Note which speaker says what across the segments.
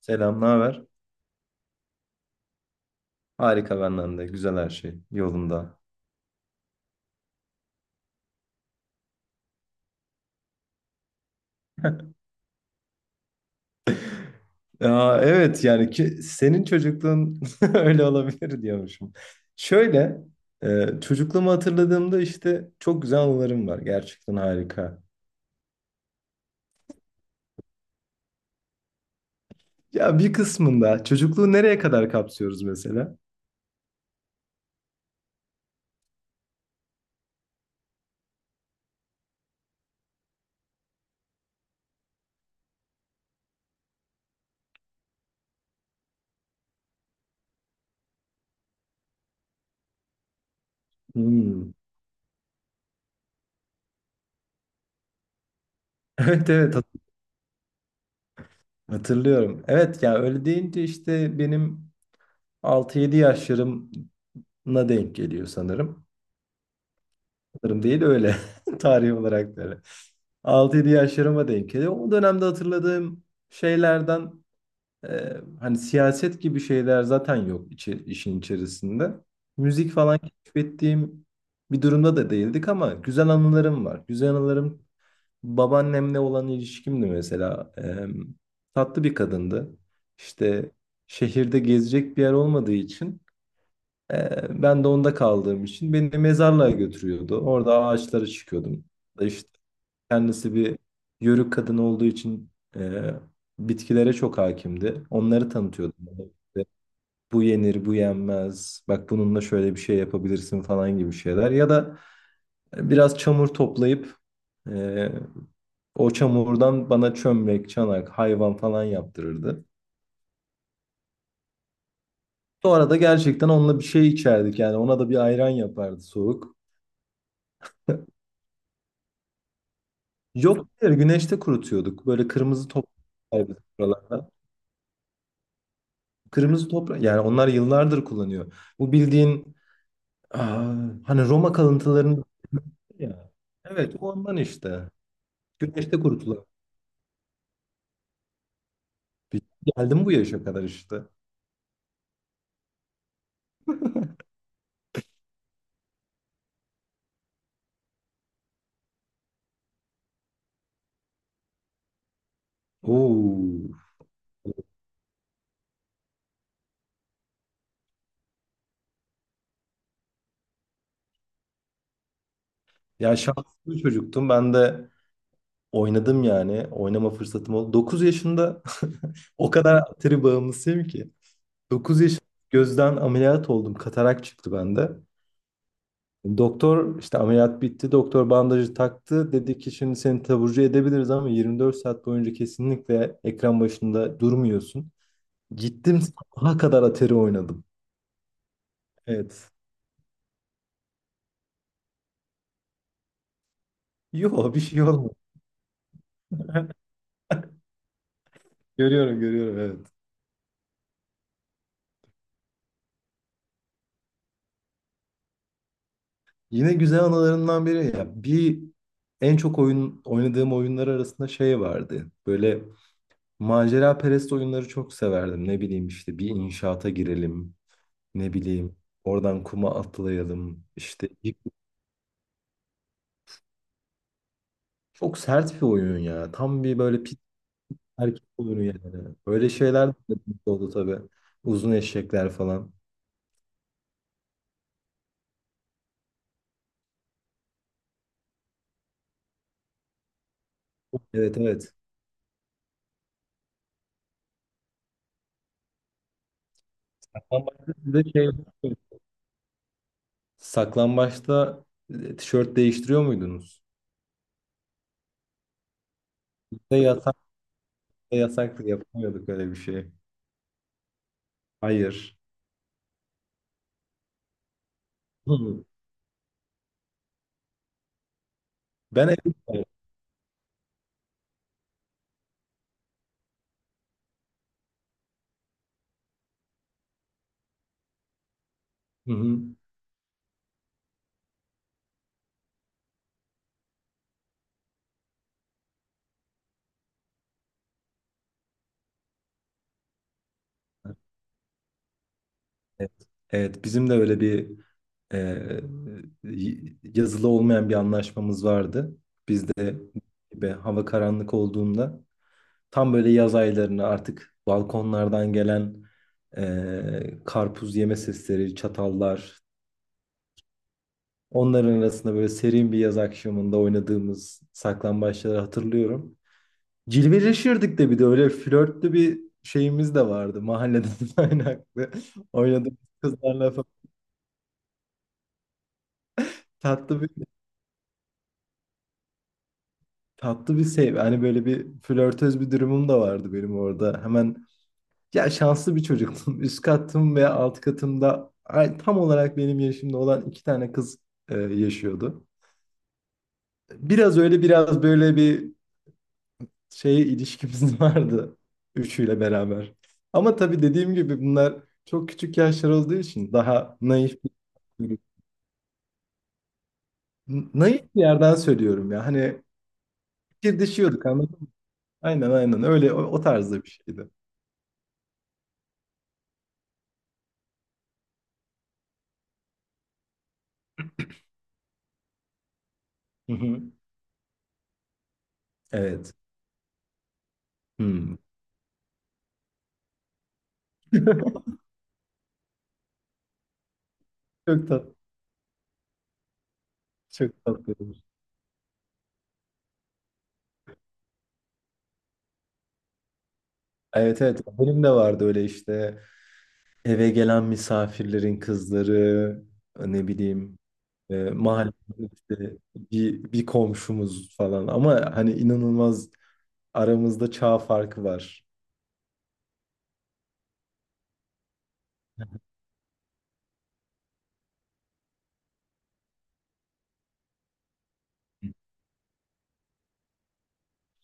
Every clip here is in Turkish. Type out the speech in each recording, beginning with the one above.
Speaker 1: Selam, ne haber? Harika benden de. Güzel her şey. Yolunda. Ya, evet yani ki, senin çocukluğun öyle olabilir diyormuşum. Şöyle çocukluğumu hatırladığımda işte çok güzel anılarım var. Gerçekten harika. Ya bir kısmında çocukluğu nereye kadar kapsıyoruz mesela? Hmm. Evet, evet, hatırlıyorum. Evet ya öyle deyince işte benim 6-7 yaşlarımla denk geliyor sanırım. Sanırım değil, öyle. Tarih olarak da öyle. 6-7 yaşlarıma denk geliyor. O dönemde hatırladığım şeylerden hani siyaset gibi şeyler zaten yok işin içerisinde. Müzik falan keşfettiğim bir durumda da değildik ama güzel anılarım var. Güzel anılarım babaannemle olan ilişkimdi mesela. Tatlı bir kadındı. İşte şehirde gezecek bir yer olmadığı için ben de onda kaldığım için beni mezarlığa götürüyordu. Orada ağaçlara çıkıyordum. İşte kendisi bir Yörük kadın olduğu için e, bitkilere çok hakimdi. Onları tanıtıyordum. İşte bu yenir, bu yenmez. Bak bununla şöyle bir şey yapabilirsin falan gibi şeyler. Ya da biraz çamur toplayıp e, o çamurdan bana çömlek, çanak, hayvan falan yaptırırdı. Sonra da gerçekten onunla bir şey içerdik, yani ona da bir ayran yapardı soğuk. Yok, hayır, güneşte kurutuyorduk. Böyle kırmızı toprak var bizim buralarda. Kırmızı toprak yani onlar yıllardır kullanıyor. Bu bildiğin aa, hani Roma kalıntılarında ya. Evet, o ondan işte. Güneşte kurutulan. bir- şey. Geldim bu yaşa kadar işte. Oo. Ya şanslı bir çocuktum. Ben de oynadım yani. Oynama fırsatım oldu. 9 yaşında. O kadar atari bağımlısıyım ki. 9 yaşında gözden ameliyat oldum. Katarak çıktı bende. Doktor işte ameliyat bitti. Doktor bandajı taktı. Dedi ki şimdi seni taburcu edebiliriz ama 24 saat boyunca kesinlikle ekran başında durmuyorsun. Gittim sabaha kadar Atari oynadım. Evet. Yok, bir şey olmadı. Görüyorum, görüyorum, evet. Yine güzel anılarından biri, ya, bir en çok oyun oynadığım oyunlar arasında şey vardı. Böyle macera perest oyunları çok severdim. Ne bileyim işte bir inşaata girelim. Ne bileyim oradan kuma atlayalım. İşte çok sert bir oyun ya. Tam bir böyle pit erkek oyunu yani. Böyle şeyler de oldu tabii. Uzun eşekler falan. Evet, evet. Saklambaçta siz de şey saklambaçta tişört değiştiriyor muydunuz? Bizde yasak da yasaktı. Yapamıyorduk öyle bir şey. Hayır. Hı. Ben evet. Hı hı. Evet. Evet, bizim de öyle bir e, yazılı olmayan bir anlaşmamız vardı. Biz de gibi hava karanlık olduğunda, tam böyle yaz aylarını artık balkonlardan gelen karpuz yeme sesleri, çatallar. Onların arasında böyle serin bir yaz akşamında oynadığımız saklambaçları hatırlıyorum. Cilveleşirdik de, bir de öyle flörtlü bir şeyimiz de vardı mahalleden kaynaklı. Oynadığımız kızlarla falan. Tatlı bir tatlı bir sev. Hani böyle bir flörtöz bir durumum da vardı benim orada. Hemen. Ya şanslı bir çocuktum. Üst katım ve alt katımda tam olarak benim yaşımda olan 2 tane kız yaşıyordu. Biraz öyle biraz böyle bir şeye ilişkimiz vardı üçüyle beraber. Ama tabii dediğim gibi bunlar çok küçük yaşlar olduğu için daha bir, naif bir yerden söylüyorum ya. Hani fikirdeşiyorduk, anladın mı? Aynen, aynen, öyle o tarzda bir şeydi. Hı hı. Evet. Hmm. Çok tatlı. Çok tatlı. Evet, evet, benim de vardı öyle işte eve gelen misafirlerin kızları, ne bileyim, mahalle işte bir komşumuz falan ama hani inanılmaz aramızda çağ farkı var.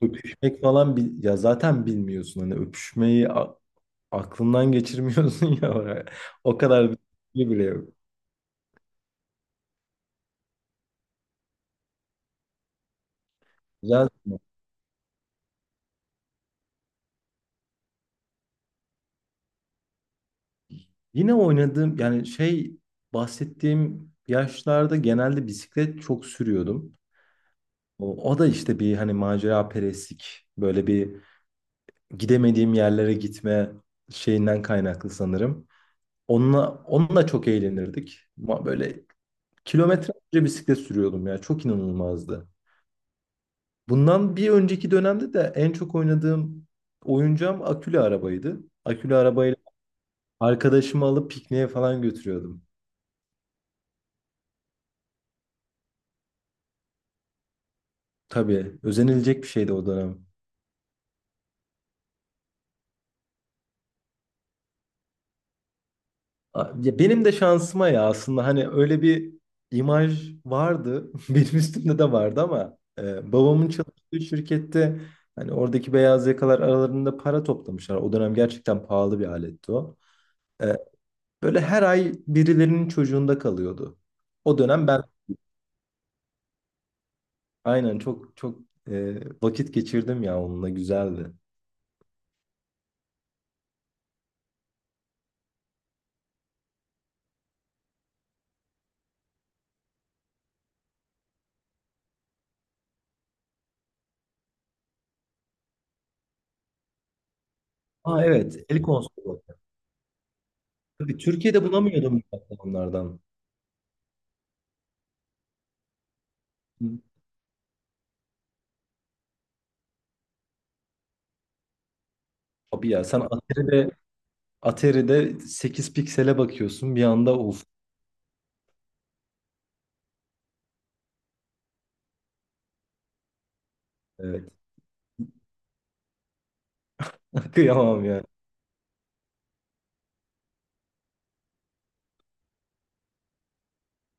Speaker 1: Öpüşmek falan ya zaten bilmiyorsun hani öpüşmeyi aklından geçirmiyorsun ya oraya. O kadar bir şey bile yok. Güzel. Yine oynadığım yani şey bahsettiğim yaşlarda genelde bisiklet çok sürüyordum. O da işte bir hani macera perestlik böyle bir gidemediğim yerlere gitme şeyinden kaynaklı sanırım. Onunla çok eğlenirdik. Ama böyle kilometrelerce bisiklet sürüyordum ya, çok inanılmazdı. Bundan bir önceki dönemde de en çok oynadığım oyuncağım akülü arabaydı. Akülü arabayla arkadaşımı alıp pikniğe falan götürüyordum. Tabii özenilecek bir şeydi o dönem. Ya, benim de şansıma ya aslında hani öyle bir imaj vardı. Benim üstümde de vardı ama babamın çalıştığı şirkette hani oradaki beyaz yakalar aralarında para toplamışlar. O dönem gerçekten pahalı bir aletti o. E, Böyle her ay birilerinin çocuğunda kalıyordu. O dönem ben, aynen, çok çok e, vakit geçirdim ya, onunla güzeldi. Aa, evet, el konsolosu. Tabii Türkiye'de bulamıyordum bu onlardan. Hı. Abi ya, sen Atari'de 8 piksele bakıyorsun bir anda, of. Evet. Kıyamam ya.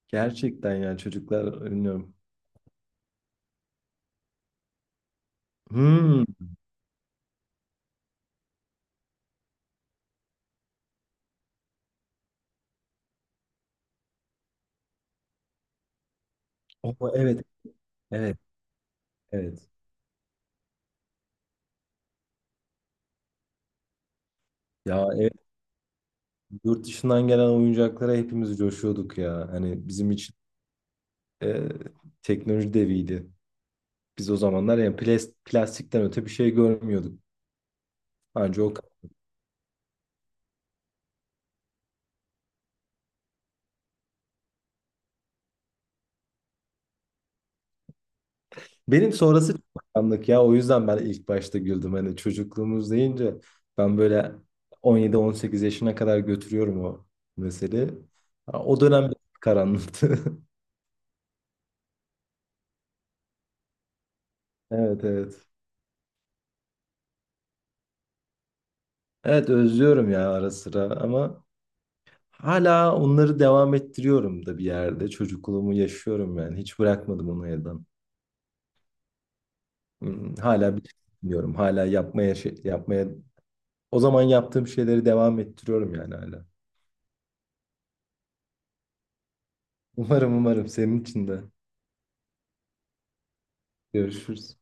Speaker 1: Gerçekten yani, çocuklar, bilmiyorum. Hmm. Oh, evet. Evet. Evet. Ya, evet, yurt dışından gelen oyuncaklara hepimiz coşuyorduk ya. Hani bizim için e, teknoloji deviydi. Biz o zamanlar yani plastikten öte bir şey görmüyorduk. Anca o. Benim sonrası çok karanlık ya. O yüzden ben ilk başta güldüm. Hani çocukluğumuz deyince ben böyle 17-18 yaşına kadar götürüyorum o meseleyi. Ha, o dönem karanlıktı. Evet, evet. Evet, özlüyorum ya ara sıra ama hala onları devam ettiriyorum da bir yerde. Çocukluğumu yaşıyorum yani. Hiç bırakmadım onu elden. Hala bir şey bilmiyorum. Hala yapmaya yapmaya o zaman yaptığım şeyleri devam ettiriyorum yani hala. Umarım, umarım senin için de. Görüşürüz.